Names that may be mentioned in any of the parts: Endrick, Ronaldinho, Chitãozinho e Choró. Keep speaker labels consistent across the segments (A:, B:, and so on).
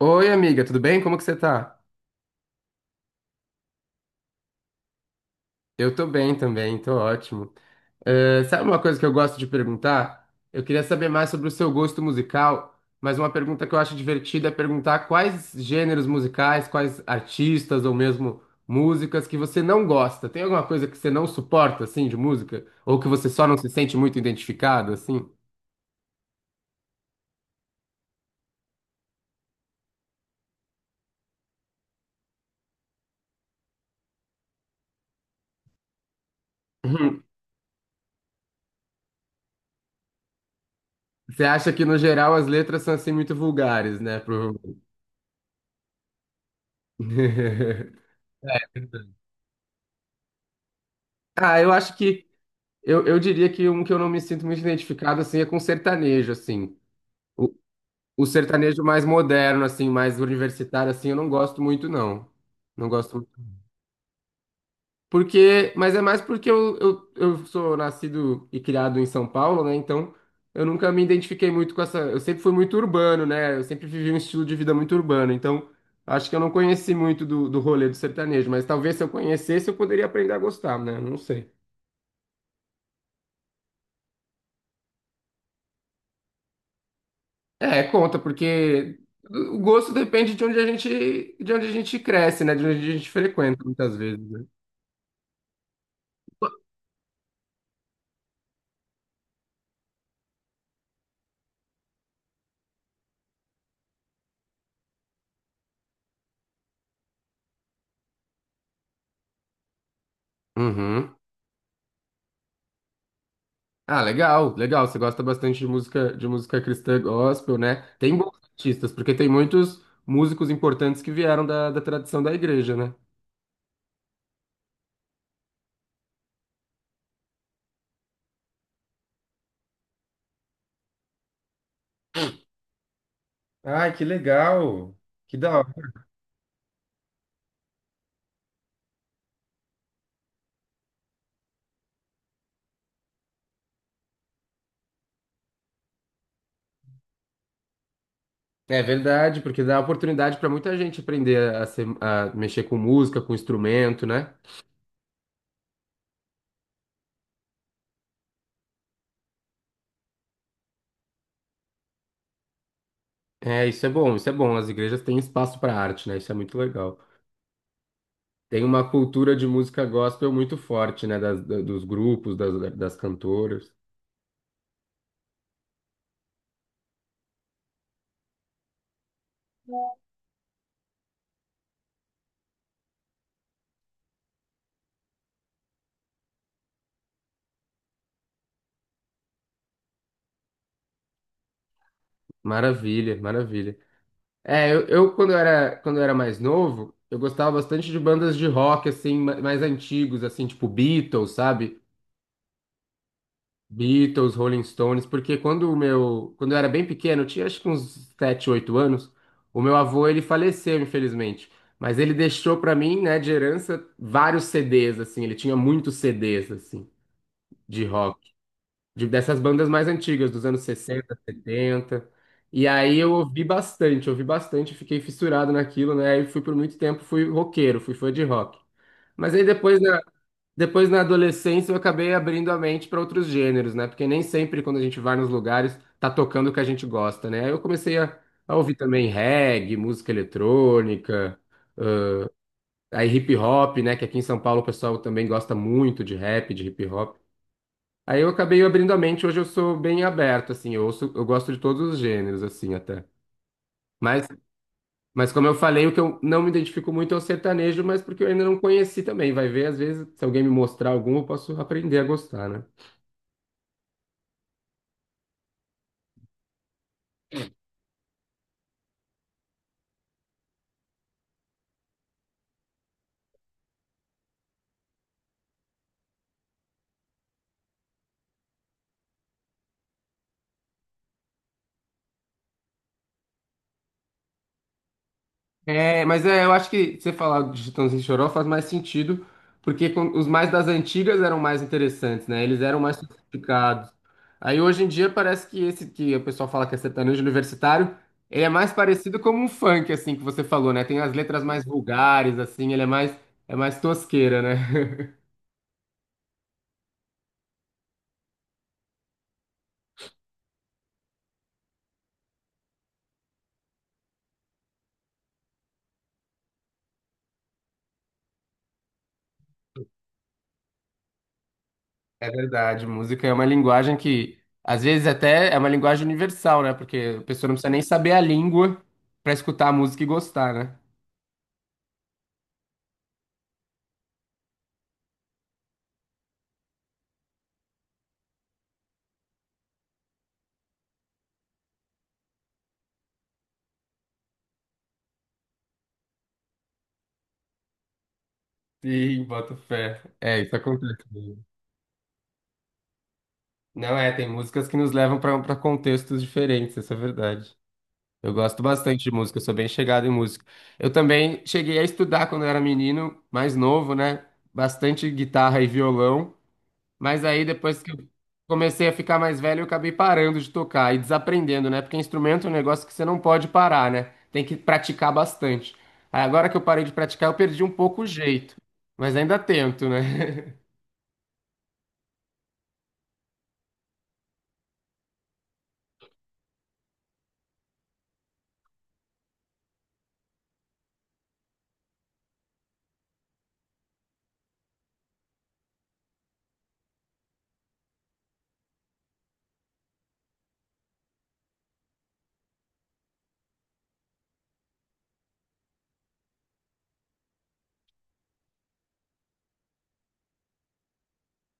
A: Oi, amiga, tudo bem? Como que você tá? Eu tô bem também, tô ótimo. Sabe uma coisa que eu gosto de perguntar? Eu queria saber mais sobre o seu gosto musical, mas uma pergunta que eu acho divertida é perguntar quais gêneros musicais, quais artistas ou mesmo músicas que você não gosta. Tem alguma coisa que você não suporta, assim, de música? Ou que você só não se sente muito identificado, assim? Você acha que, no geral, as letras são, assim, muito vulgares, né? Provavelmente. Ah, eu acho que eu diria que um que eu não me sinto muito identificado, assim, é com sertanejo, assim. O, o sertanejo mais moderno, assim, mais universitário, assim, eu não gosto muito, não. Não gosto muito. Porque, mas é mais porque eu sou nascido e criado em São Paulo, né? Então, eu nunca me identifiquei muito com essa... Eu sempre fui muito urbano, né? Eu sempre vivi um estilo de vida muito urbano. Então, acho que eu não conheci muito do rolê do sertanejo. Mas talvez se eu conhecesse, eu poderia aprender a gostar, né? Não sei. É, conta, porque o gosto depende de onde a gente cresce, né? De onde a gente frequenta, muitas vezes, né? Uhum. Ah, legal, legal. Você gosta bastante de música cristã gospel, né? Tem bons artistas, porque tem muitos músicos importantes que vieram da tradição da igreja, né? Ai, que legal! Que da hora. É verdade, porque dá oportunidade para muita gente aprender a, a mexer com música, com instrumento, né? É, isso é bom, isso é bom. As igrejas têm espaço para arte, né? Isso é muito legal. Tem uma cultura de música gospel muito forte, né? Dos grupos, das cantoras. Maravilha, maravilha. É, eu, quando eu era mais novo, eu gostava bastante de bandas de rock, assim, mais antigos, assim, tipo Beatles, sabe? Beatles, Rolling Stones, porque quando eu era bem pequeno, eu tinha acho que uns 7 ou 8 anos, o meu avô, ele faleceu, infelizmente. Mas ele deixou pra mim, né, de herança, vários CDs, assim, ele tinha muitos CDs, assim, de rock. Dessas bandas mais antigas, dos anos 60, 70. E aí eu ouvi bastante, fiquei fissurado naquilo, né? E fui por muito tempo, fui roqueiro, fui fã de rock. Mas aí depois na, depois na adolescência eu acabei abrindo a mente para outros gêneros, né? Porque nem sempre quando a gente vai nos lugares tá tocando o que a gente gosta, né? Aí eu comecei a ouvir também reggae, música eletrônica, aí hip hop, né? Que aqui em São Paulo o pessoal também gosta muito de rap, de hip hop. Aí eu acabei abrindo a mente, hoje eu sou bem aberto, assim, eu ouço, eu gosto de todos os gêneros, assim, até. Mas, mas como eu falei, o que eu não me identifico muito é o sertanejo, mas porque eu ainda não conheci também. Vai ver, às vezes, se alguém me mostrar algum, eu posso aprender a gostar, né? É, mas é, eu acho que você falar de Chitãozinho e Choró faz mais sentido, porque os mais das antigas eram mais interessantes, né? Eles eram mais sofisticados. Aí hoje em dia parece que esse que o pessoal fala que é sertanejo universitário, ele é mais parecido como um funk, assim, que você falou, né? Tem as letras mais vulgares, assim, é mais tosqueira, né? É verdade, música é uma linguagem que, às vezes, até é uma linguagem universal, né? Porque a pessoa não precisa nem saber a língua para escutar a música e gostar, né? Sim, boto fé. É, isso acontece. Mesmo. Não é, tem músicas que nos levam para contextos diferentes, essa é a verdade. Eu gosto bastante de música, eu sou bem chegado em música. Eu também cheguei a estudar quando eu era menino, mais novo, né? Bastante guitarra e violão, mas aí depois que eu comecei a ficar mais velho, eu acabei parando de tocar e desaprendendo, né? Porque instrumento é um negócio que você não pode parar, né? Tem que praticar bastante. Aí agora que eu parei de praticar, eu perdi um pouco o jeito, mas ainda tento, né?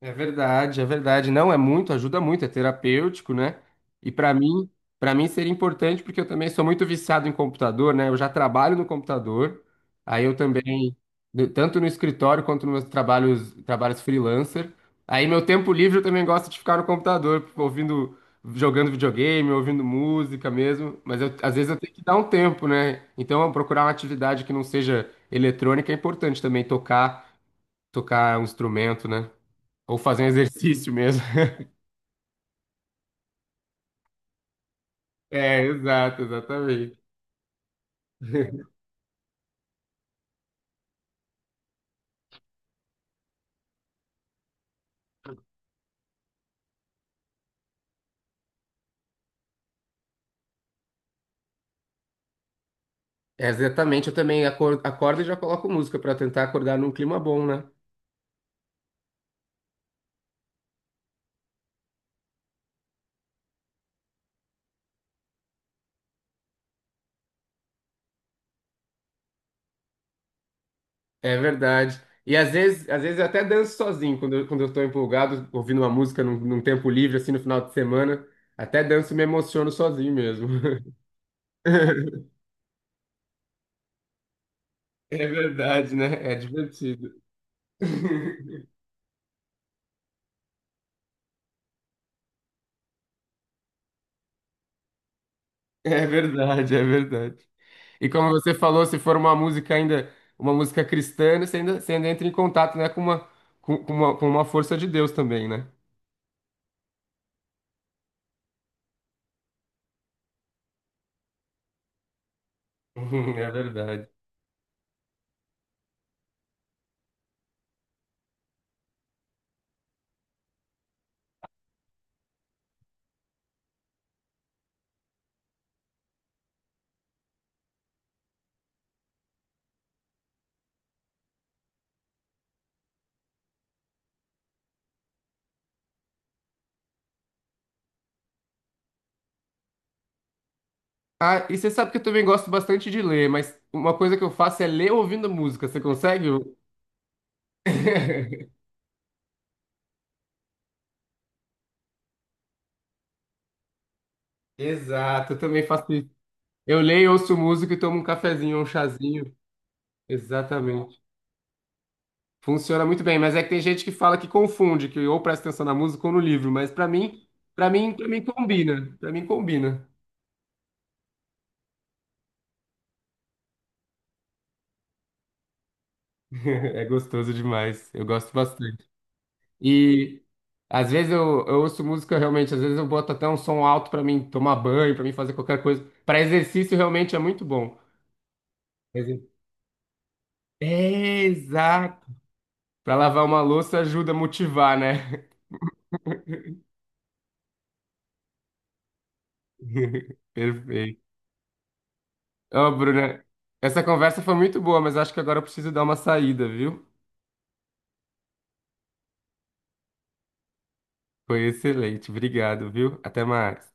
A: É verdade, é verdade. Não, é muito, ajuda muito, é terapêutico, né? E para mim, para mim seria importante porque eu também sou muito viciado em computador, né? Eu já trabalho no computador. Aí eu também, tanto no escritório quanto nos meus trabalhos, trabalhos freelancer. Aí meu tempo livre eu também gosto de ficar no computador, ouvindo, jogando videogame, ouvindo música mesmo, mas às vezes eu tenho que dar um tempo, né? Então, eu procurar uma atividade que não seja eletrônica é importante também tocar, tocar um instrumento, né? Ou fazer um exercício mesmo. É, exato, exatamente. É, exatamente, eu também acordo e já coloco música para tentar acordar num clima bom, né? É verdade. E às vezes eu até danço sozinho, quando quando eu tô empolgado, ouvindo uma música num tempo livre, assim, no final de semana. Até danço e me emociono sozinho mesmo. É verdade, né? É divertido. É verdade, é verdade. E como você falou, se for uma música ainda, uma música cristã, você ainda entra em contato, né, com uma força de Deus também, né? É verdade. Ah, e você sabe que eu também gosto bastante de ler, mas uma coisa que eu faço é ler ouvindo música. Você consegue? Exato, eu também faço isso. Eu leio, ouço música e tomo um cafezinho, um chazinho. Exatamente. Funciona muito bem, mas é que tem gente que fala que confunde, que ou presta atenção na música ou no livro, mas pra mim, para mim, para mim combina. Pra mim combina. É gostoso demais. Eu gosto bastante. E às vezes eu ouço música realmente, às vezes eu boto até um som alto pra mim tomar banho, pra mim fazer qualquer coisa. Pra exercício realmente é muito bom. Ex- É, exato. Pra lavar uma louça ajuda a motivar, né? Perfeito. Ô, Bruna, essa conversa foi muito boa, mas acho que agora eu preciso dar uma saída, viu? Foi excelente. Obrigado, viu? Até mais.